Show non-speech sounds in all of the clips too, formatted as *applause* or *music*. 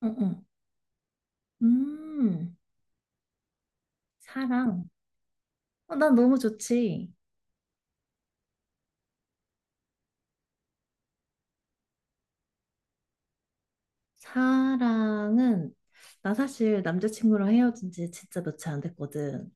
어, 어. 음, 사랑. 난 너무 좋지. 사랑은, 나 사실 남자친구랑 헤어진 지 진짜 며칠 안 됐거든.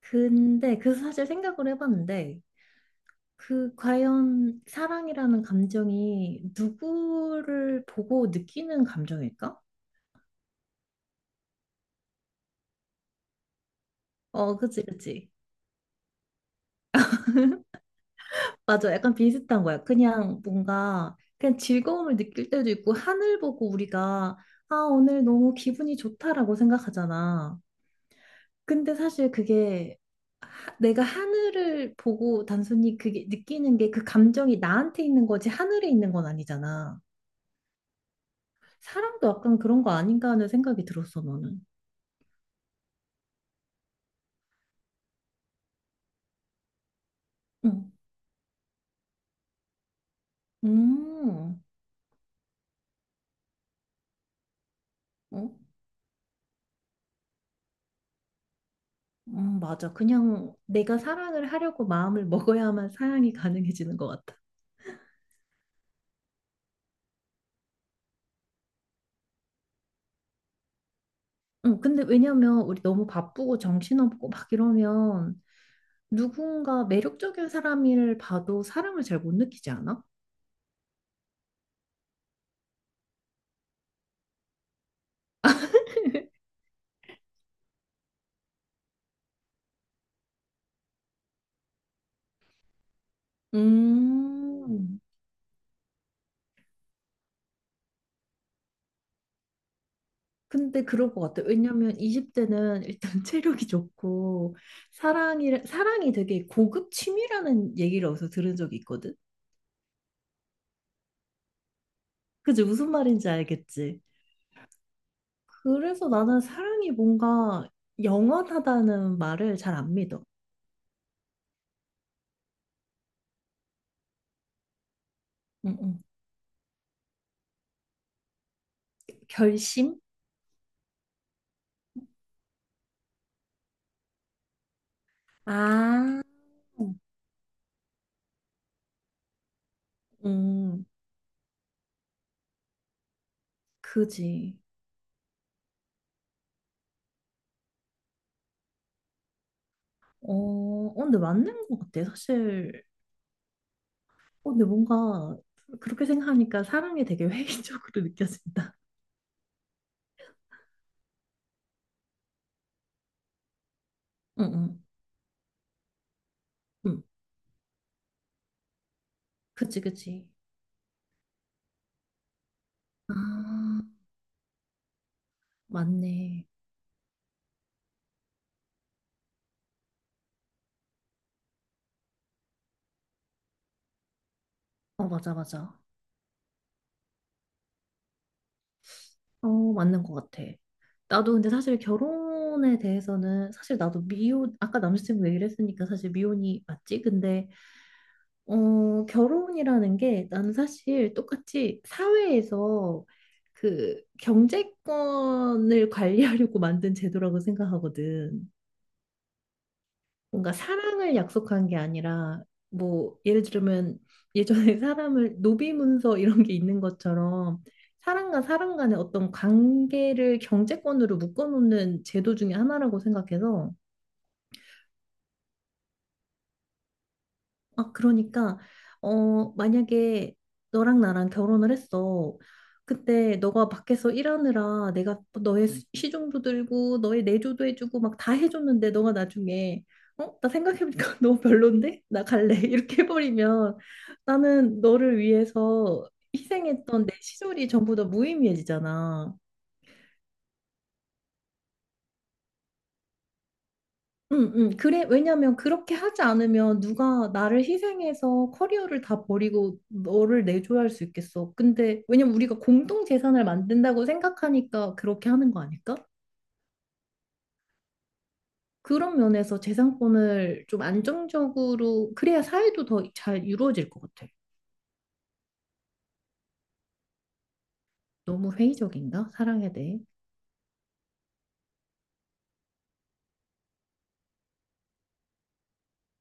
근데 그 사실 생각을 해봤는데, 그 과연 사랑이라는 감정이 누구를 보고 느끼는 감정일까? 그치, 그치. 맞아. 약간 비슷한 거야. 그냥 뭔가, 그냥 즐거움을 느낄 때도 있고, 하늘 보고 우리가, 오늘 너무 기분이 좋다라고 생각하잖아. 근데 사실 그게 내가 하늘을 보고 단순히 그게 느끼는 게 그 감정이 나한테 있는 거지 하늘에 있는 건 아니잖아. 사람도 약간 그런 거 아닌가 하는 생각이 들었어, 너는. 응. 음, 어? 맞아. 그냥 내가 사랑을 하려고 마음을 먹어야만 사랑이 가능해지는 것 같아. 응, 근데 왜냐면 우리 너무 바쁘고 정신없고 막 이러면 누군가 매력적인 사람을 봐도 사랑을 잘 못 느끼지 않아? *laughs* 음. 근데 그럴 것 같아요. 왜냐면 20대는 일단 *laughs* 체력이 좋고 사랑이 되게 고급 취미라는 얘기를 어디서 들은 적이 있거든. 그지 무슨 말인지 알겠지? 그래서 나는 사랑이 뭔가 영원하다는 말을 잘 안 믿어. 응, 응. 결심? 아, 음, 그지. 어, 어, 근데 맞는 것 같아. 사실, 근데 뭔가 그렇게 생각하니까 사랑이 되게 *laughs* 회의적으로 느껴진다. 응, 응, 응. 그치, 그치. 아, 맞네. 어, 맞아, 맞아. 맞는 것 같아. 나도 근데 사실 결혼에 대해서는 사실 나도 미혼, 아까 남자친구 얘기를 했으니까 사실 미혼이 맞지? 근데, 결혼이라는 게 나는 사실 똑같이 사회에서 그 경제권을 관리하려고 만든 제도라고 생각하거든. 뭔가 사랑을 약속한 게 아니라 뭐 예를 들면 예전에 *laughs* 사람을 노비문서 이런 게 있는 것처럼 사람과 사람 간의 어떤 관계를 경제권으로 묶어놓는 제도 중에 하나라고 생각해서 그러니까, 만약에 너랑 나랑 결혼을 했어. 그때 너가 밖에서 일하느라 내가 너의 시중도 들고 너의 내조도 해주고 막 다 해줬는데 너가 나중에 어? 나 생각해보니까 *laughs* 너무 별론데? 나 갈래. *laughs* 이렇게 해버리면 나는 너를 위해서 희생했던 내 시절이 전부 다 무의미해지잖아. 응, 응. 그래, 왜냐면 그렇게 하지 않으면 누가 나를 희생해서 커리어를 다 버리고 너를 내줘야 할 수 있겠어. 근데 왜냐면 우리가 공동 재산을 만든다고 생각하니까 그렇게 하는 거 아닐까? 그런 면에서 재산권을 좀 안정적으로 그래야 사회도 더 잘 이루어질 것 같아. 너무 회의적인가? 사랑에 대해.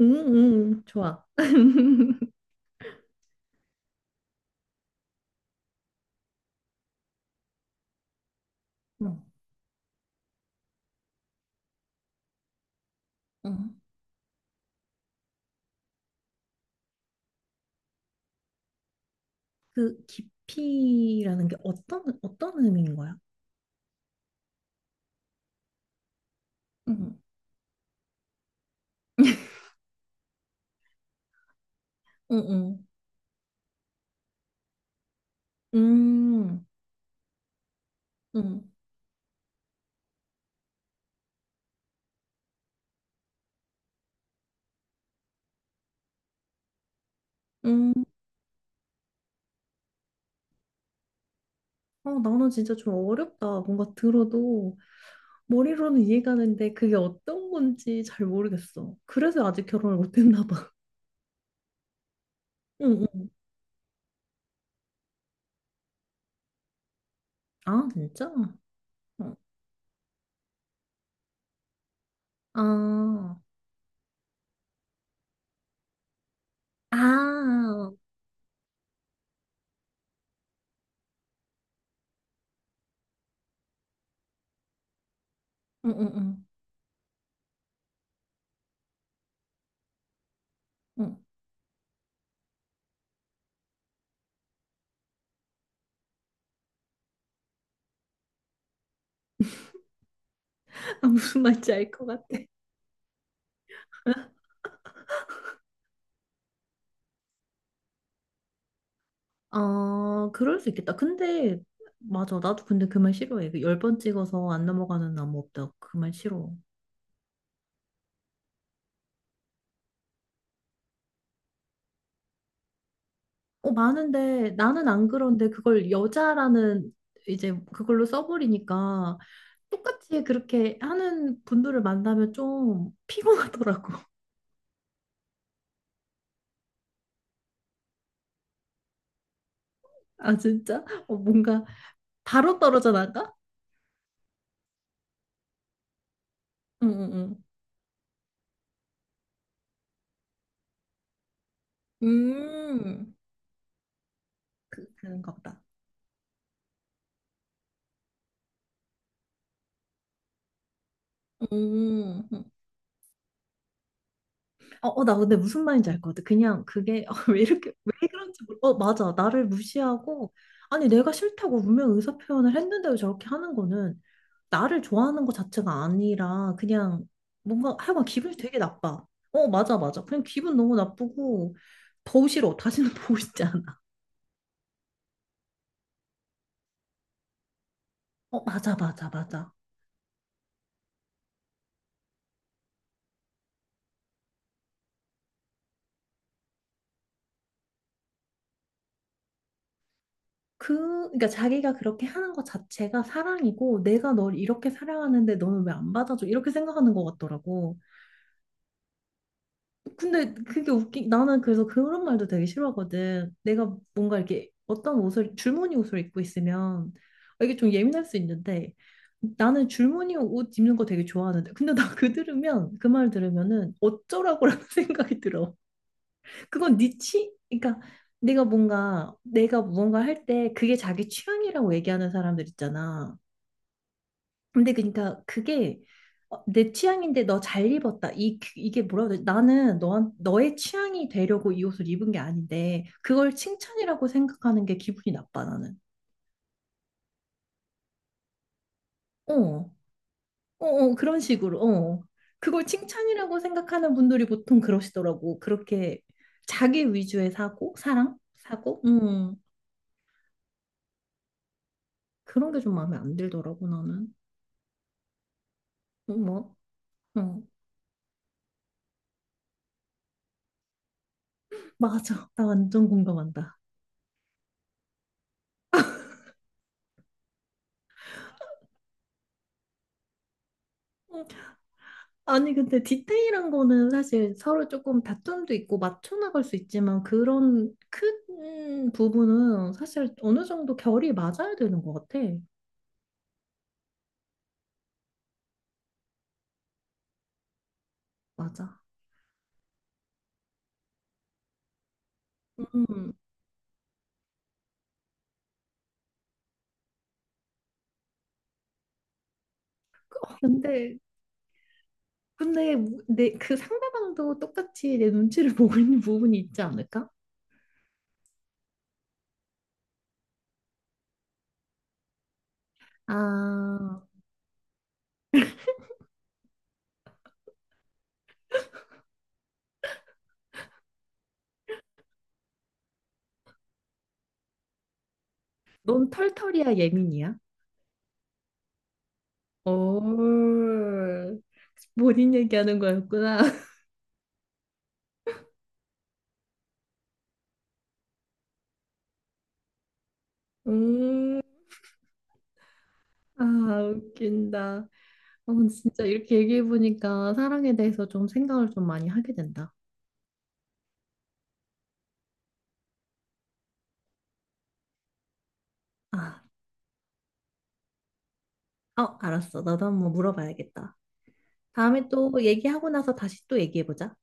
응, 응, 좋아. *laughs* 응, 응. 그 깊이라는 게 어떤 어떤 의미인 거야? 응. 응응. 음. 응. 음, 나는 진짜 좀 어렵다. 뭔가 들어도 머리로는 이해가 되는데 그게 어떤 건지 잘 모르겠어. 그래서 아직 결혼을 못 했나 봐. *laughs* 응, 응. 아, 진짜? 어. 아, 아, 응, 응, 응. 응. *laughs* 무슨 말인지 알 것 같아. 그럴 수 있겠다. 근데, 맞아. 나도 근데 그 말 싫어해. 그 열번 찍어서 안 넘어가는 나무 없다. 그 말 싫어. 어, 많은데, 나는 안 그런데 그걸 여자라는 이제 그걸로 써버리니까 똑같이 그렇게 하는 분들을 만나면 좀 피곤하더라고. *laughs* 아, 진짜? 뭔가 바로 떨어져 나가? 응, 응, 응. 그, 그런가 보다. 음, 음. 어, 어, 나 근데 무슨 말인지 알 것 같아. 그냥 그게 *laughs* 왜 이렇게 왜 그런지 모르. 어, 맞아. 나를 무시하고 아니 내가 싫다고 분명 의사 표현을 했는데도 저렇게 하는 거는 나를 좋아하는 것 자체가 아니라 그냥 뭔가 하여간 기분이 되게 나빠. 어, 맞아, 맞아. 그냥 기분 너무 나쁘고 더 싫어. 다시는 *laughs* 보고 지 않아. 어, 맞아, 맞아, 맞아. 그, 그러니까 자기가 그렇게 하는 것 자체가 사랑이고 내가 널 이렇게 사랑하는데 너는 왜 안 받아줘? 이렇게 생각하는 것 같더라고. 근데 그게 웃기 나는 그래서 그런 말도 되게 싫어하거든. 내가 뭔가 이렇게 어떤 옷을 줄무늬 옷을 입고 있으면 이게 좀 예민할 수 있는데 나는 줄무늬 옷 입는 거 되게 좋아하는데 근데 나 그 들으면 그 말 들으면은 어쩌라고라는 *laughs* 생각이 들어. 그건 네 취, 그러니까 내가 무언가 할 때 그게 자기 취향이라고 얘기하는 사람들 있잖아. 근데 그러니까 그게 내 취향인데 너 잘 입었다. 이게 뭐라고 해야 되지? 나는 너 너의 취향이 되려고 이 옷을 입은 게 아닌데 그걸 칭찬이라고 생각하는 게 기분이 나빠 나는. 어, 어, 어 그런 식으로. 어. 그걸 칭찬이라고 생각하는 분들이 보통 그러시더라고. 그렇게 자기 위주의 사고, 사랑, 사고, 그런 게 좀 마음에 안 들더라고 나는. 뭐, 어 맞아. 나 완전 공감한다. 어. 아니, 근데 디테일한 거는 사실 서로 조금 다툼도 있고 맞춰 나갈 수 있지만 그런 큰 부분은 사실 어느 정도 결이 맞아야 되는 것 같아. 맞아. 음. 근데, 근데 내 그 상대방도 똑같이 내 눈치를 *laughs* 보고 있는 부분이 있지 않을까? 아, 넌 털털이야, 예민이야? 오, 본인 얘기하는 거였구나. *laughs* 음, 아, 웃긴다. 근데 진짜 이렇게 얘기해보니까 사랑에 대해서 좀 생각을 좀 많이 하게 된다. 아, 어, 알았어. 나도 한번 물어봐야겠다. 다음에 또 얘기하고 나서 다시 또 얘기해보자.